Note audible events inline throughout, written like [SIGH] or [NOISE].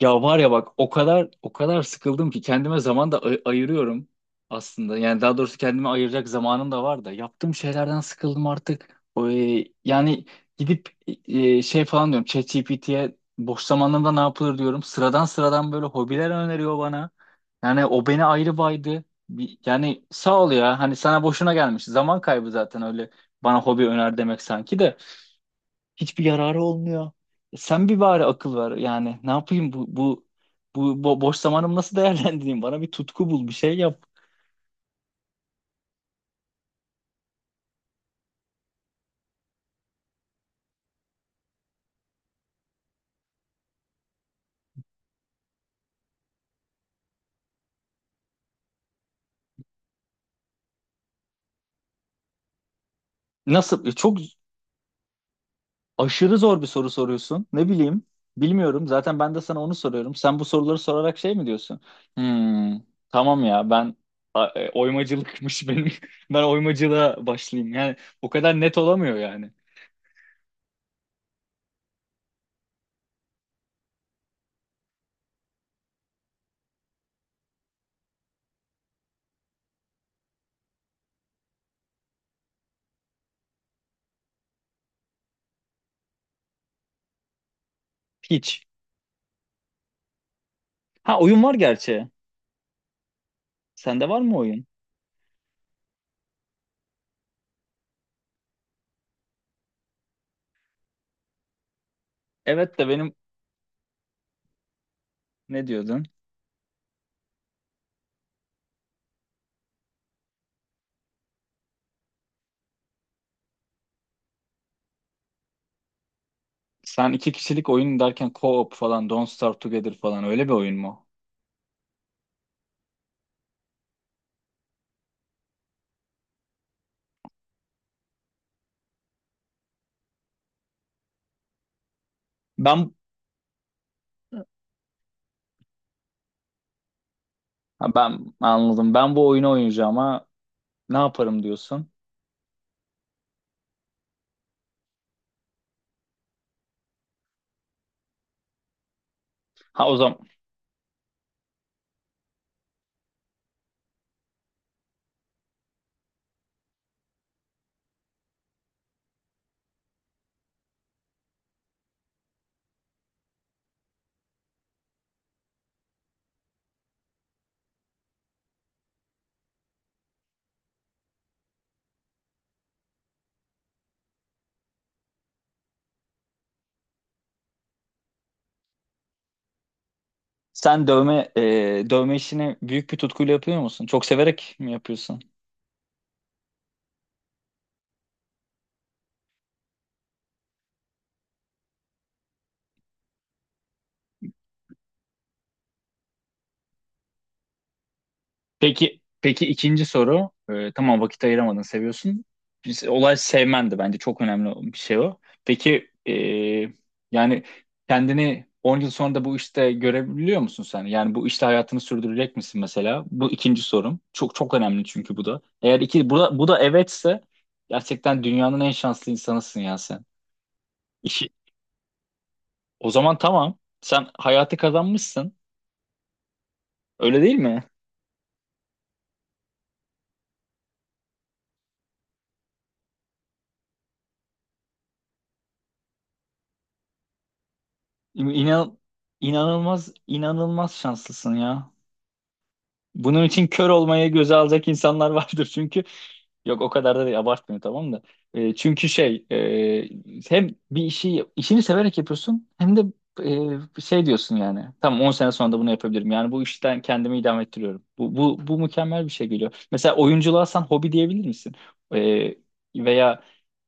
Ya var ya bak o kadar sıkıldım ki kendime zaman da ayırıyorum aslında. Yani daha doğrusu kendime ayıracak zamanım da var da yaptığım şeylerden sıkıldım artık. Yani gidip şey falan diyorum ChatGPT'ye boş zamanlarımda ne yapılır diyorum. Sıradan böyle hobiler öneriyor bana. Yani o beni ayrı baydı. Yani sağ ol ya hani sana boşuna gelmiş. Zaman kaybı zaten öyle bana hobi öner demek sanki de. Hiçbir yararı olmuyor. Sen bir bari akıl ver. Yani ne yapayım bu, bu boş zamanımı nasıl değerlendireyim? Bana bir tutku bul, bir şey yap. Nasıl? Çok aşırı zor bir soru soruyorsun. Ne bileyim? Bilmiyorum. Zaten ben de sana onu soruyorum. Sen bu soruları sorarak şey mi diyorsun? Hmm, tamam ya ben oymacılıkmış [LAUGHS] benim. Ben oymacılığa başlayayım. Yani o kadar net olamıyor yani. Hiç. Ha oyun var gerçi. Sende var mı oyun? Evet de benim ne diyordun? Sen iki kişilik oyun derken co-op falan, Don't Starve Together falan öyle bir oyun mu? Ben ha, ben anladım. Ben bu oyunu oynayacağım ama ne yaparım diyorsun? Ha o zaman sen dövme işini büyük bir tutkuyla yapıyor musun? Çok severek mi yapıyorsun? Peki, peki ikinci soru. Tamam vakit ayıramadın, seviyorsun. Olay sevmendi, bence çok önemli bir şey o. Peki yani kendini 10 yıl sonra da bu işte görebiliyor musun sen? Yani bu işte hayatını sürdürecek misin mesela? Bu ikinci sorum. Çok çok önemli çünkü bu da. Eğer bu da, bu da evetse gerçekten dünyanın en şanslı insanısın ya sen. İşi, o zaman tamam. Sen hayatı kazanmışsın. Öyle değil mi? İnan, inanılmaz şanslısın ya. Bunun için kör olmaya göze alacak insanlar vardır, [LAUGHS] çünkü yok, o kadar da değil, abartmıyor, tamam da. Çünkü hem bir işini severek yapıyorsun, hem de şey diyorsun, yani tamam, 10 sene sonra da bunu yapabilirim, yani bu işten kendimi idame ettiriyorum, bu mükemmel bir şey. Geliyor mesela oyunculuğa, sen hobi diyebilir misin? E, Veya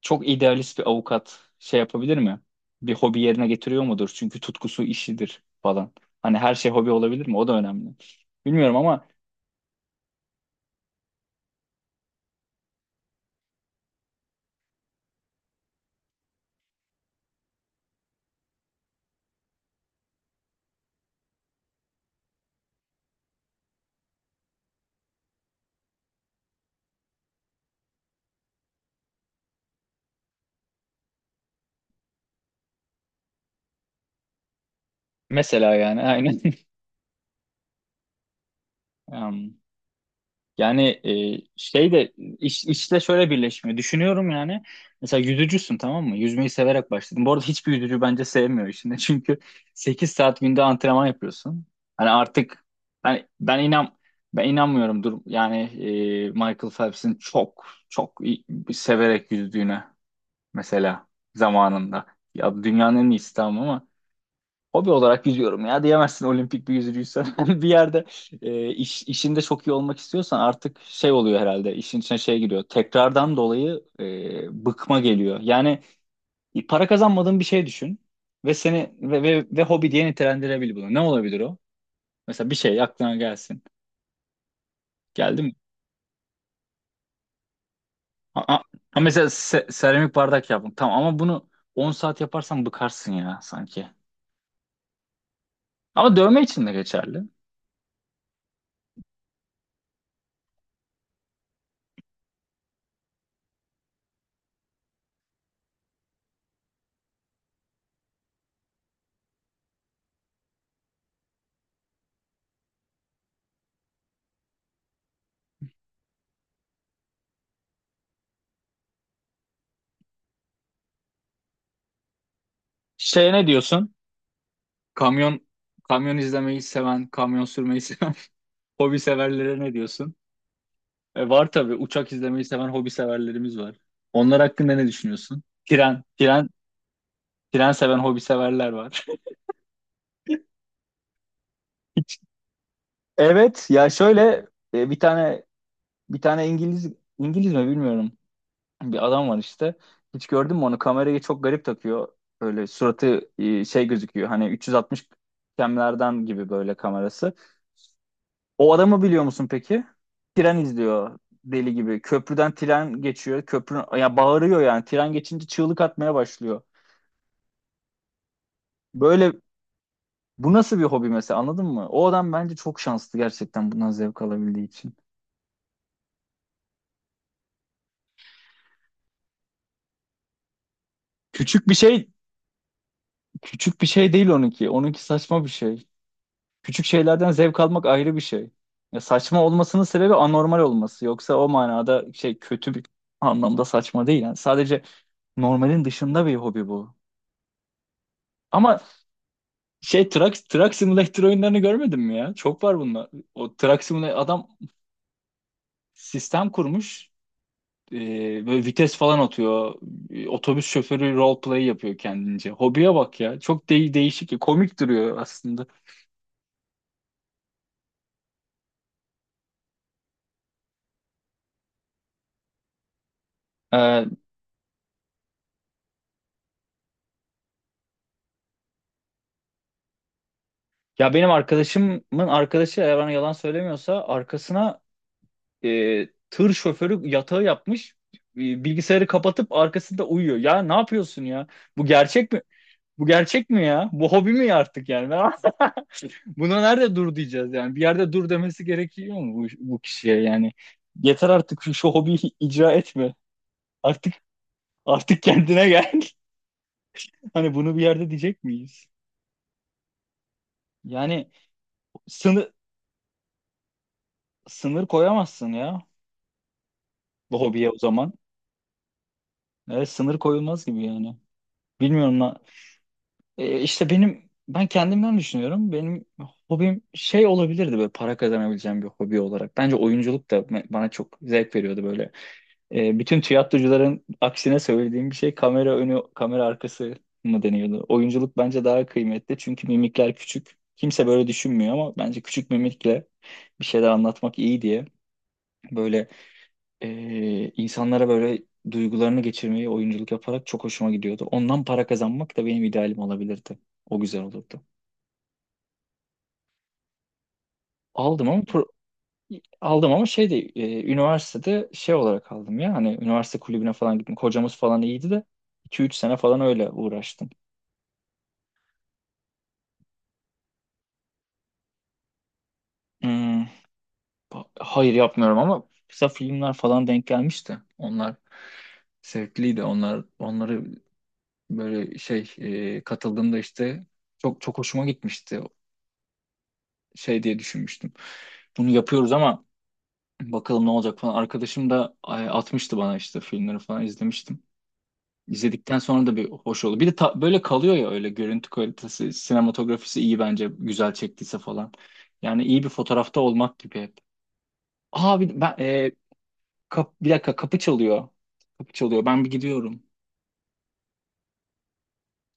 çok idealist bir avukat şey yapabilir mi, bir hobi yerine getiriyor mudur, çünkü tutkusu işidir falan. Hani her şey hobi olabilir mi, o da önemli. Bilmiyorum ama mesela yani aynen. [LAUGHS] Em, Yani şey de işte şöyle birleşmiyor. Düşünüyorum yani. Mesela yüzücüsün, tamam mı? Yüzmeyi severek başladın. Bu arada hiçbir yüzücü bence sevmiyor işini. [LAUGHS] Çünkü 8 saat günde antrenman yapıyorsun. Hani artık, hani ben inan ben inanmıyorum, dur yani Michael Phelps'in çok severek yüzdüğüne mesela zamanında. Ya dünyanın en iyisi, tamam. Hobi olarak yüzüyorum ya diyemezsin olimpik bir yüzücüysen. [LAUGHS] Hani bir yerde işinde çok iyi olmak istiyorsan artık şey oluyor herhalde, işin içine şey giriyor. Tekrardan dolayı bıkma geliyor. Yani para kazanmadığın bir şey düşün ve seni ve hobi diye nitelendirebilir bunu. Ne olabilir o? Mesela bir şey aklına gelsin. Geldi mi? Ha, ha- ha mesela seramik bardak yaptım. Tamam ama bunu 10 saat yaparsan bıkarsın ya sanki. Ama dövme için de geçerli. Şeye ne diyorsun? Kamyon Kamyon izlemeyi seven, kamyon sürmeyi seven [LAUGHS] hobi severlere ne diyorsun? E, var tabii, uçak izlemeyi seven hobi severlerimiz var. Onlar hakkında ne düşünüyorsun? Tren seven hobi severler var. [LAUGHS] Evet ya şöyle e, bir tane bir tane İngiliz, İngiliz mi bilmiyorum. Bir adam var işte. Hiç gördün mü onu? Kamerayı çok garip takıyor. Böyle suratı şey gözüküyor. Hani 360 kemlerden gibi böyle kamerası. O adamı biliyor musun peki? Tren izliyor deli gibi. Köprüden tren geçiyor. Köprü ya bağırıyor yani. Tren geçince çığlık atmaya başlıyor. Böyle bu nasıl bir hobi mesela, anladın mı? O adam bence çok şanslı gerçekten, bundan zevk alabildiği için. Küçük bir şey, küçük bir şey değil onunki. Onunki saçma bir şey. Küçük şeylerden zevk almak ayrı bir şey. Ya saçma olmasının sebebi anormal olması. Yoksa o manada şey, kötü bir anlamda saçma değil. Yani sadece normalin dışında bir hobi bu. Ama şey Truck, Truck Simulator oyunlarını görmedin mi ya? Çok var bunlar. O Truck Simulator adam sistem kurmuş. Böyle vites falan atıyor. Otobüs şoförü roleplay yapıyor kendince. Hobiye bak ya. Çok de değişik. Komik duruyor aslında. Ee, Ya benim arkadaşımın arkadaşı, eğer bana yalan söylemiyorsa, arkasına tır şoförü yatağı yapmış. Bilgisayarı kapatıp arkasında uyuyor. Ya ne yapıyorsun ya? Bu gerçek mi? Bu gerçek mi ya? Bu hobi mi artık yani? Buna nerede dur diyeceğiz yani? Bir yerde dur demesi gerekiyor mu bu kişiye yani? Yeter artık şu hobiyi [LAUGHS] icra etme. Artık Artık kendine gel. [LAUGHS] Hani bunu bir yerde diyecek miyiz? Yani sınır sınır koyamazsın ya bu hobiye o zaman. Evet, sınır koyulmaz gibi yani. Bilmiyorum lan. İşte ben kendimden düşünüyorum. Benim hobim şey olabilirdi, böyle para kazanabileceğim bir hobi olarak. Bence oyunculuk da bana çok zevk veriyordu böyle. E, bütün tiyatrocuların aksine söylediğim bir şey, kamera önü, kamera arkası mı deniyordu? Oyunculuk bence daha kıymetli çünkü mimikler küçük. Kimse böyle düşünmüyor ama bence küçük mimikle bir şeyler anlatmak iyi diye böyle insanlara böyle duygularını geçirmeyi, oyunculuk yaparak, çok hoşuma gidiyordu. Ondan para kazanmak da benim idealim olabilirdi. O güzel olurdu. Aldım ama aldım ama şey de, üniversitede şey olarak aldım ya, hani üniversite kulübüne falan gittim. Kocamız falan iyiydi de iki üç sene falan öyle uğraştım. Hmm, hayır, yapmıyorum ama kısa filmler falan denk gelmişti. Onlar zevkliydi. Onları böyle şey, katıldığımda işte çok çok hoşuma gitmişti. Şey diye düşünmüştüm. Bunu yapıyoruz ama bakalım ne olacak falan. Arkadaşım da atmıştı bana, işte filmleri falan izlemiştim. İzledikten sonra da bir hoş oldu. Bir de böyle kalıyor ya, öyle görüntü kalitesi, sinematografisi iyi bence, güzel çektiyse falan. Yani iyi bir fotoğrafta olmak gibi hep. Aa bir, ben, e, kap- Bir dakika, kapı çalıyor. Kapı çalıyor. Ben bir gidiyorum.